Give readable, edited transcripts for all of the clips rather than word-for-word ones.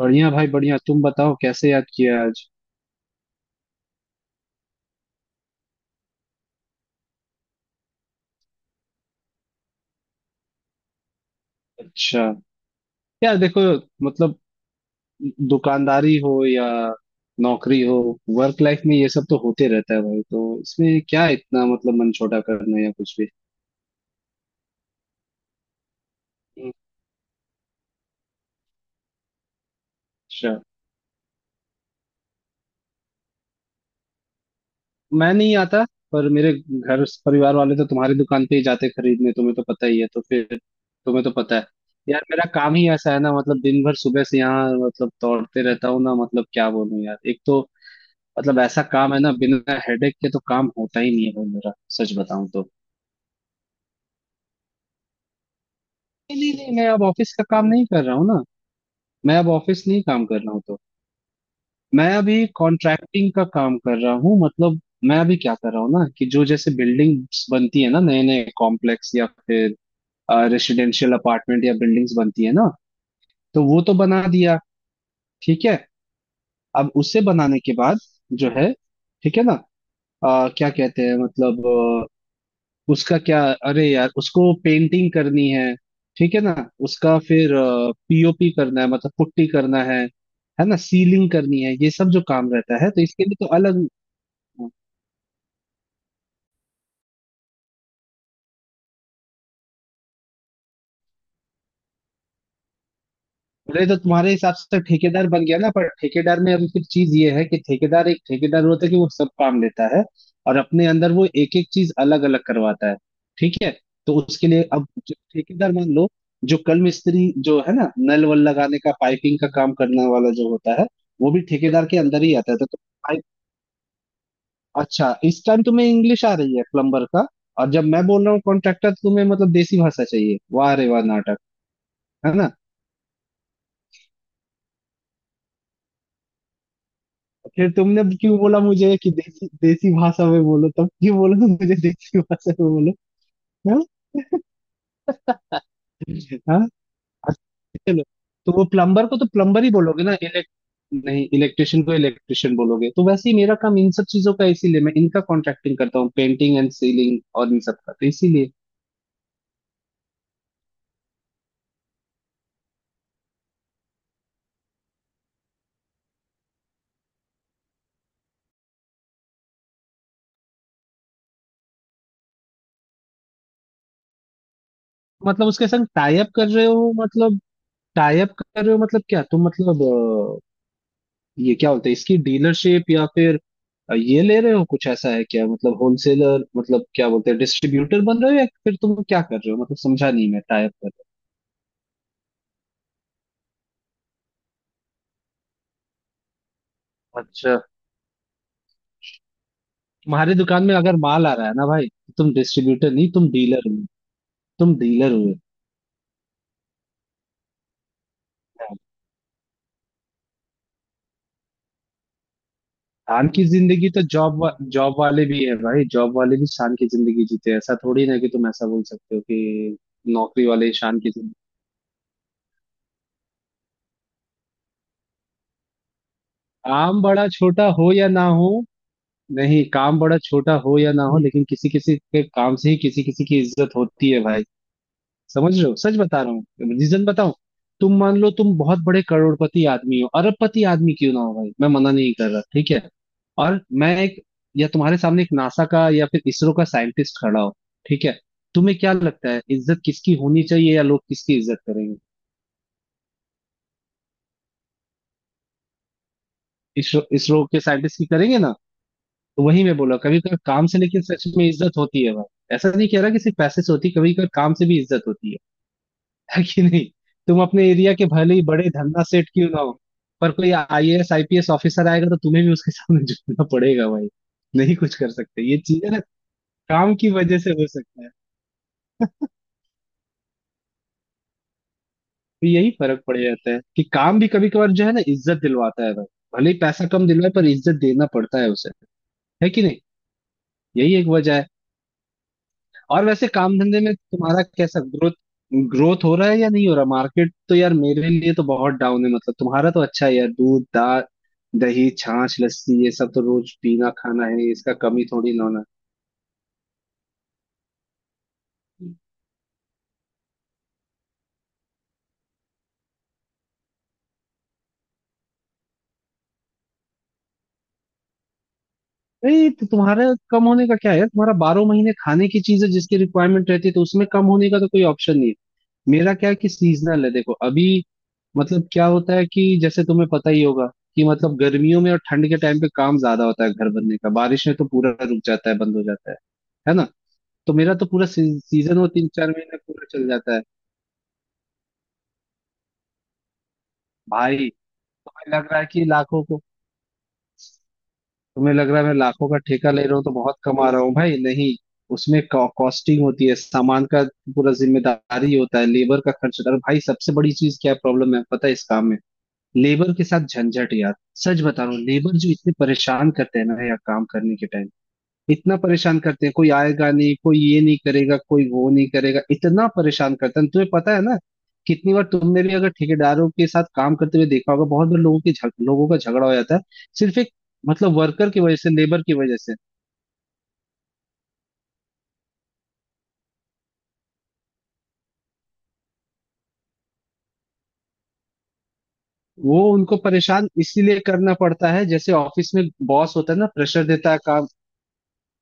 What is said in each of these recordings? बढ़िया भाई, बढ़िया। तुम बताओ कैसे याद किया आज। अच्छा, यार देखो, मतलब दुकानदारी हो या नौकरी हो, वर्क लाइफ में ये सब तो होते रहता है भाई। तो इसमें क्या इतना मतलब मन छोटा करना है या कुछ भी। अच्छा, मैं नहीं आता पर मेरे घर परिवार वाले तो तुम्हारी दुकान पे ही जाते खरीदने, तुम्हें तो पता ही है, तो फिर तुम्हें तो पता है। यार मेरा काम ही ऐसा है ना, मतलब दिन भर सुबह से यहाँ मतलब दौड़ते रहता हूँ ना। मतलब क्या बोलूं यार, एक तो मतलब ऐसा काम है ना, बिना हेडेक के तो काम होता ही नहीं है भाई मेरा, सच बताऊं तो। नहीं नहीं नहीं, मैं अब ऑफिस का काम नहीं कर रहा हूँ ना। मैं अब ऑफिस नहीं काम कर रहा हूँ तो, मैं अभी कॉन्ट्रैक्टिंग का काम कर रहा हूँ। मतलब मैं अभी क्या कर रहा हूँ ना, कि जो जैसे बिल्डिंग्स बनती है ना, नए नए कॉम्प्लेक्स या फिर रेसिडेंशियल अपार्टमेंट या बिल्डिंग्स बनती है ना, तो वो तो बना दिया। ठीक है। अब उसे बनाने के बाद जो है, ठीक है ना, क्या कहते हैं, मतलब उसका क्या, अरे यार उसको पेंटिंग करनी है। ठीक है ना। उसका फिर पीओपी करना है, मतलब पुट्टी करना है ना, सीलिंग करनी है, ये सब जो काम रहता है, तो इसके लिए तो अलग। बोले तो तुम्हारे हिसाब से तो ठेकेदार बन गया ना, पर ठेकेदार में अभी फिर चीज ये है कि ठेकेदार, एक ठेकेदार होता है कि वो सब काम लेता है और अपने अंदर वो एक एक चीज अलग अलग करवाता है। ठीक है। तो उसके लिए अब जो ठेकेदार, मान लो जो कल मिस्त्री जो है ना, नल वल लगाने का, पाइपिंग का काम करने वाला जो होता है, वो भी ठेकेदार के अंदर ही आता है, तो तुम पाइप। अच्छा, इस टाइम तुम्हें इंग्लिश आ रही है प्लम्बर का, और जब मैं बोल रहा हूँ कॉन्ट्रैक्टर तुम्हें मतलब देसी भाषा चाहिए, वाह रे वाह नाटक। है ना, फिर तुमने क्यों बोला मुझे कि देसी, देसी भाषा में बोलो, तब क्यों बोला? तुम मुझे देसी भाषा में बोलो। हाँ। हाँ? अच्छा, चलो। तो वो प्लम्बर को तो प्लम्बर ही बोलोगे ना, इलेक्ट नहीं इलेक्ट्रिशियन को इलेक्ट्रिशियन बोलोगे, तो वैसे ही मेरा काम इन सब चीजों का, इसीलिए मैं इनका कॉन्ट्रैक्टिंग करता हूँ, पेंटिंग एंड सीलिंग और इन सब का, तो इसीलिए। मतलब उसके संग टाई अप कर रहे हो मतलब, टाई अप कर रहे हो मतलब क्या, तुम मतलब ये क्या बोलते हैं, इसकी डीलरशिप या फिर ये ले रहे हो, कुछ ऐसा है क्या मतलब होलसेलर, मतलब क्या बोलते हैं डिस्ट्रीब्यूटर बन रहे हो या फिर तुम क्या कर रहे हो मतलब, समझा नहीं मैं, टाइप कर रहा हूँ। अच्छा, तुम्हारे दुकान में अगर माल आ रहा है ना भाई, तो तुम डिस्ट्रीब्यूटर नहीं, तुम डीलर हो, तुम डीलर हुए। शान की जिंदगी तो जॉब वाले भी है भाई, जॉब वाले भी शान की जिंदगी जीते हैं, ऐसा थोड़ी ना कि तुम ऐसा बोल सकते हो कि नौकरी वाले ही शान की जिंदगी। काम बड़ा छोटा हो या ना हो, नहीं काम बड़ा छोटा हो या ना हो, लेकिन किसी किसी के काम से ही किसी किसी की इज्जत होती है भाई, समझ रहे हो, सच बता रहा हूँ। रीजन बताऊं। तुम मान लो तुम बहुत बड़े करोड़पति आदमी हो, अरबपति आदमी क्यों ना हो भाई, मैं मना नहीं कर रहा। ठीक है। और मैं एक, या तुम्हारे सामने एक नासा का या फिर इसरो का साइंटिस्ट खड़ा हो। ठीक है। तुम्हें क्या लगता है इज्जत किसकी होनी चाहिए, या लोग किसकी इज्जत करेंगे? इसरो, इसरो के साइंटिस्ट की करेंगे ना। तो वही मैं बोला, कभी कभी काम से लेकिन सच में इज्जत होती है भाई, ऐसा नहीं कह रहा कि सिर्फ पैसे से होती, कभी कभी काम से भी इज्जत होती है कि नहीं। तुम अपने एरिया के भले ही बड़े धन्ना सेठ क्यों ना हो, पर कोई आईएएस आईपीएस ऑफिसर आएगा तो तुम्हें भी उसके सामने झुकना पड़ेगा भाई, नहीं कुछ कर सकते ये चीजें ना। काम की वजह से हो सकता है, तो यही फर्क पड़ जाता है कि काम भी कभी कभार जो है ना, इज्जत दिलवाता है भाई, भले ही पैसा कम दिलवाए, पर इज्जत देना पड़ता है उसे, है कि नहीं। यही एक वजह है। और वैसे काम धंधे में तुम्हारा कैसा ग्रोथ, ग्रोथ हो रहा है या नहीं हो रहा, मार्केट तो यार मेरे लिए तो बहुत डाउन है, मतलब तुम्हारा तो अच्छा है यार, दूध दा दही, छाछ, लस्सी, ये सब तो रोज पीना खाना है, इसका कमी थोड़ी ना होना। नहीं तो तुम्हारा, कम होने का क्या है, तुम्हारा 12 महीने खाने की चीज है जिसकी रिक्वायरमेंट रहती है, तो उसमें कम होने का तो कोई ऑप्शन नहीं है। मेरा क्या है कि सीजनल है, देखो अभी, मतलब क्या होता है कि जैसे तुम्हें पता ही होगा कि मतलब गर्मियों में और ठंड के टाइम पे काम ज्यादा होता है घर बनने का, बारिश में तो पूरा रुक जाता है, बंद हो जाता है ना। तो मेरा तो पूरा सीजन, वो 3-4 महीने पूरा चल जाता है। भाई तुम्हें लग रहा है कि लाखों को, तुम्हें लग रहा है मैं लाखों का ठेका ले रहा हूँ तो बहुत कमा रहा हूँ भाई, नहीं। उसमें कॉस्टिंग होती है सामान का, पूरा जिम्मेदारी होता है, लेबर का खर्च होता है, और भाई सबसे बड़ी चीज क्या प्रॉब्लम है, problem है, पता है इस काम में? लेबर के साथ झंझट यार, सच बता रहा हूँ, लेबर जो इतने परेशान करते हैं ना यार काम करने के टाइम, इतना परेशान करते हैं, कोई आएगा नहीं, कोई ये नहीं करेगा, कोई वो नहीं करेगा, इतना परेशान करते हैं, तुम्हें पता है ना। कितनी बार तुमने भी अगर ठेकेदारों के साथ काम करते हुए देखा होगा, बहुत बार लोगों के लोगों का झगड़ा हो जाता है, सिर्फ एक, मतलब वर्कर की वजह से, लेबर की वजह से। वो उनको परेशान इसीलिए करना पड़ता है, जैसे ऑफिस में बॉस होता है ना, प्रेशर देता है।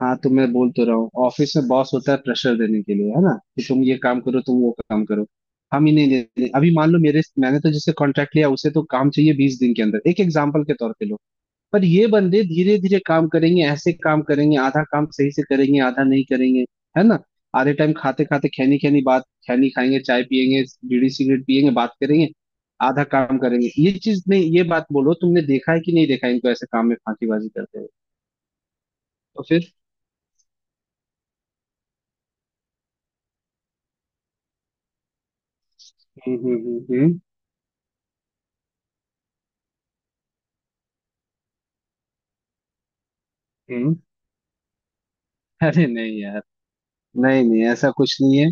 हाँ तो मैं बोल तो रहा हूँ, ऑफिस में बॉस होता है प्रेशर देने के लिए, है ना, कि तुम ये काम करो, तुम वो काम करो। हम ही नहीं देते, अभी मान लो मेरे, मैंने तो जिससे कॉन्ट्रैक्ट लिया उसे तो काम चाहिए 20 दिन के अंदर, एक एग्जाम्पल के तौर पे लो। पर ये बंदे धीरे धीरे काम करेंगे, ऐसे काम करेंगे, आधा काम सही से करेंगे, आधा नहीं करेंगे, है ना। आधे टाइम खाते खाते खैनी, खैनी बात, खैनी खाएंगे, चाय पियेंगे, बीड़ी सिगरेट पियेंगे, बात करेंगे, आधा काम करेंगे। ये चीज नहीं, ये बात बोलो, तुमने देखा है कि नहीं देखा है इनको ऐसे काम में फांकीबाजी करते हुए? तो फिर। हम्म, हम्म। हम्म। हम्म। अरे नहीं यार, नहीं नहीं ऐसा कुछ नहीं है।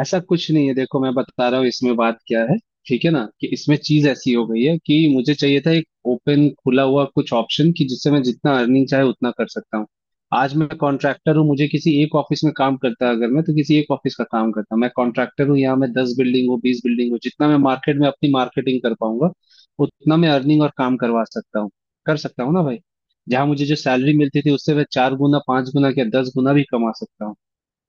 ऐसा कुछ नहीं है, देखो मैं बता रहा हूँ इसमें बात क्या है। ठीक है ना कि इसमें चीज ऐसी हो गई है कि मुझे चाहिए था एक ओपन, खुला हुआ कुछ ऑप्शन कि जिससे मैं जितना अर्निंग चाहे उतना कर सकता हूँ। आज मैं कॉन्ट्रैक्टर हूँ, मुझे किसी एक ऑफिस में काम करता है, अगर मैं तो किसी एक ऑफिस का काम करता हूँ। मैं कॉन्ट्रैक्टर हूँ, यहाँ मैं 10 बिल्डिंग हूँ, 20 बिल्डिंग हूँ, जितना मैं मार्केट में अपनी मार्केटिंग कर पाऊंगा, उतना मैं अर्निंग और काम करवा सकता हूँ, कर सकता हूँ ना भाई। जहाँ मुझे जो सैलरी मिलती थी, उससे मैं 4 गुना, 5 गुना या 10 गुना भी कमा सकता हूँ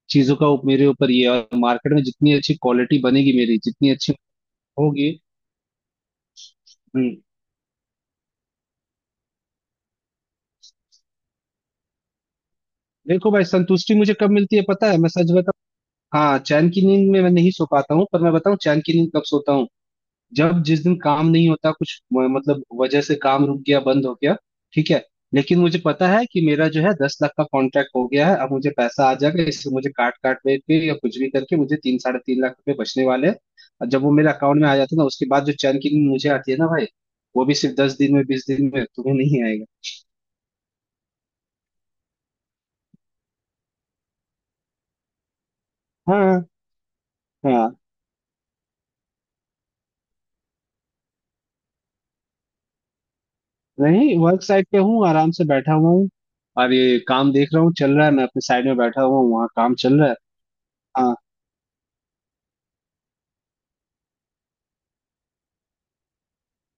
चीजों का, मेरे ऊपर ये है। और मार्केट में जितनी अच्छी क्वालिटी बनेगी मेरी, जितनी अच्छी होगी। हम्म, देखो भाई, संतुष्टि मुझे कब मिलती है पता है, मैं सच बताऊं। हाँ, चैन की नींद में मैं नहीं सो पाता हूँ, पर मैं बताऊं चैन की नींद कब सोता हूँ। जब जिस दिन काम नहीं होता, कुछ मतलब वजह से काम रुक गया, बंद हो गया। ठीक है। लेकिन मुझे पता है कि मेरा जो है 10 लाख का कॉन्ट्रैक्ट हो गया है, अब मुझे पैसा आ जाएगा, इससे मुझे काट काट में के या कुछ भी करके मुझे तीन, 3.5 लाख रुपए बचने वाले हैं, और जब वो मेरे अकाउंट में आ जाता है ना, उसके बाद जो चैन की नींद मुझे आती है ना भाई, वो भी सिर्फ 10 दिन में, 20 दिन में तुम्हें नहीं आएगा। हाँ। हाँ, नहीं, वर्क साइट पे हूँ, आराम से बैठा हुआ हूँ, और ये काम देख रहा हूँ, चल रहा है, मैं अपने साइड में बैठा हुआ हूँ, वहाँ काम चल रहा है।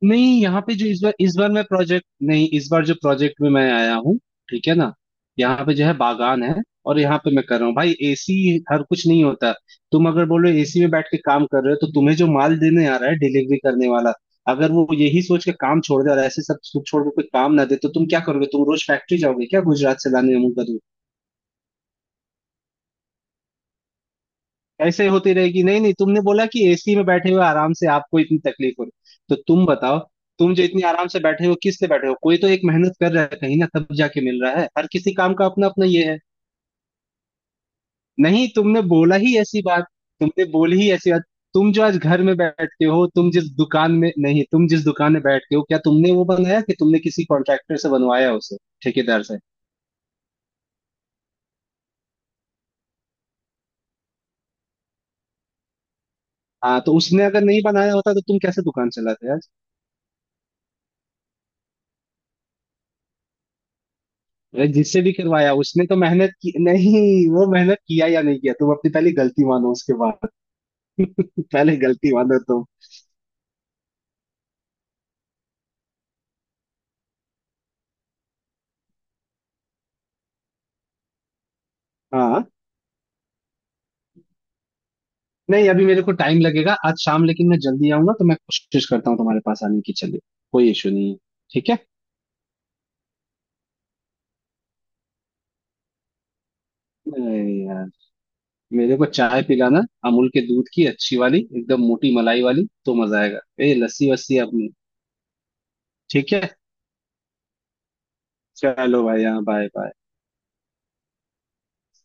नहीं, यहाँ पे जो इस बार, इस बार मैं प्रोजेक्ट नहीं, इस बार जो प्रोजेक्ट में मैं आया हूँ, ठीक है ना, यहाँ पे जो है बागान है, और यहाँ पे मैं कर रहा हूँ भाई। एसी हर कुछ नहीं होता। तुम अगर बोलो एसी में बैठ के काम कर रहे हो, तो तुम्हें जो माल देने आ रहा है डिलीवरी करने वाला, अगर वो यही सोच के काम छोड़ दे और ऐसे सब कुछ छोड़ के कोई काम ना दे, तो तुम क्या करोगे? तुम रोज फैक्ट्री जाओगे क्या गुजरात से लाने अमूल का? ऐसे होती रहेगी, नहीं नहीं, तुमने बोला कि एसी में बैठे हुए आराम से आपको इतनी तकलीफ हो रही, तो तुम बताओ तुम जो इतनी आराम से बैठे हो किस लिए बैठे हो, कोई तो एक मेहनत कर रहा है कहीं ना तब जाके मिल रहा है, हर किसी काम का अपना अपना ये है। नहीं, तुमने बोला ही ऐसी बात, तुमने बोली ही ऐसी बात। तुम जो आज घर में बैठते हो, तुम जिस दुकान में, नहीं तुम जिस दुकान में बैठते हो, क्या तुमने वो बनाया कि तुमने किसी कॉन्ट्रैक्टर से बनवाया उसे, ठेकेदार से? हाँ, तो उसने अगर नहीं बनाया होता तो तुम कैसे दुकान चलाते यार? अरे जिससे भी करवाया, उसने तो मेहनत की नहीं? वो मेहनत किया या नहीं किया, तुम अपनी पहले गलती मानो उसके बाद। पहले गलती मानो तुम। हाँ, नहीं अभी मेरे को टाइम लगेगा आज शाम, लेकिन मैं जल्दी आऊंगा तो मैं कोशिश करता हूँ तुम्हारे पास आने की, चलिए, कोई इशू नहीं है। ठीक है। अरे यार, मेरे को चाय पिलाना, अमूल के दूध की अच्छी वाली, एकदम मोटी मलाई वाली, तो मजा आएगा। ए, लस्सी वस्सी अपनी। ठीक है, चलो भाई, हाँ, बाय बाय।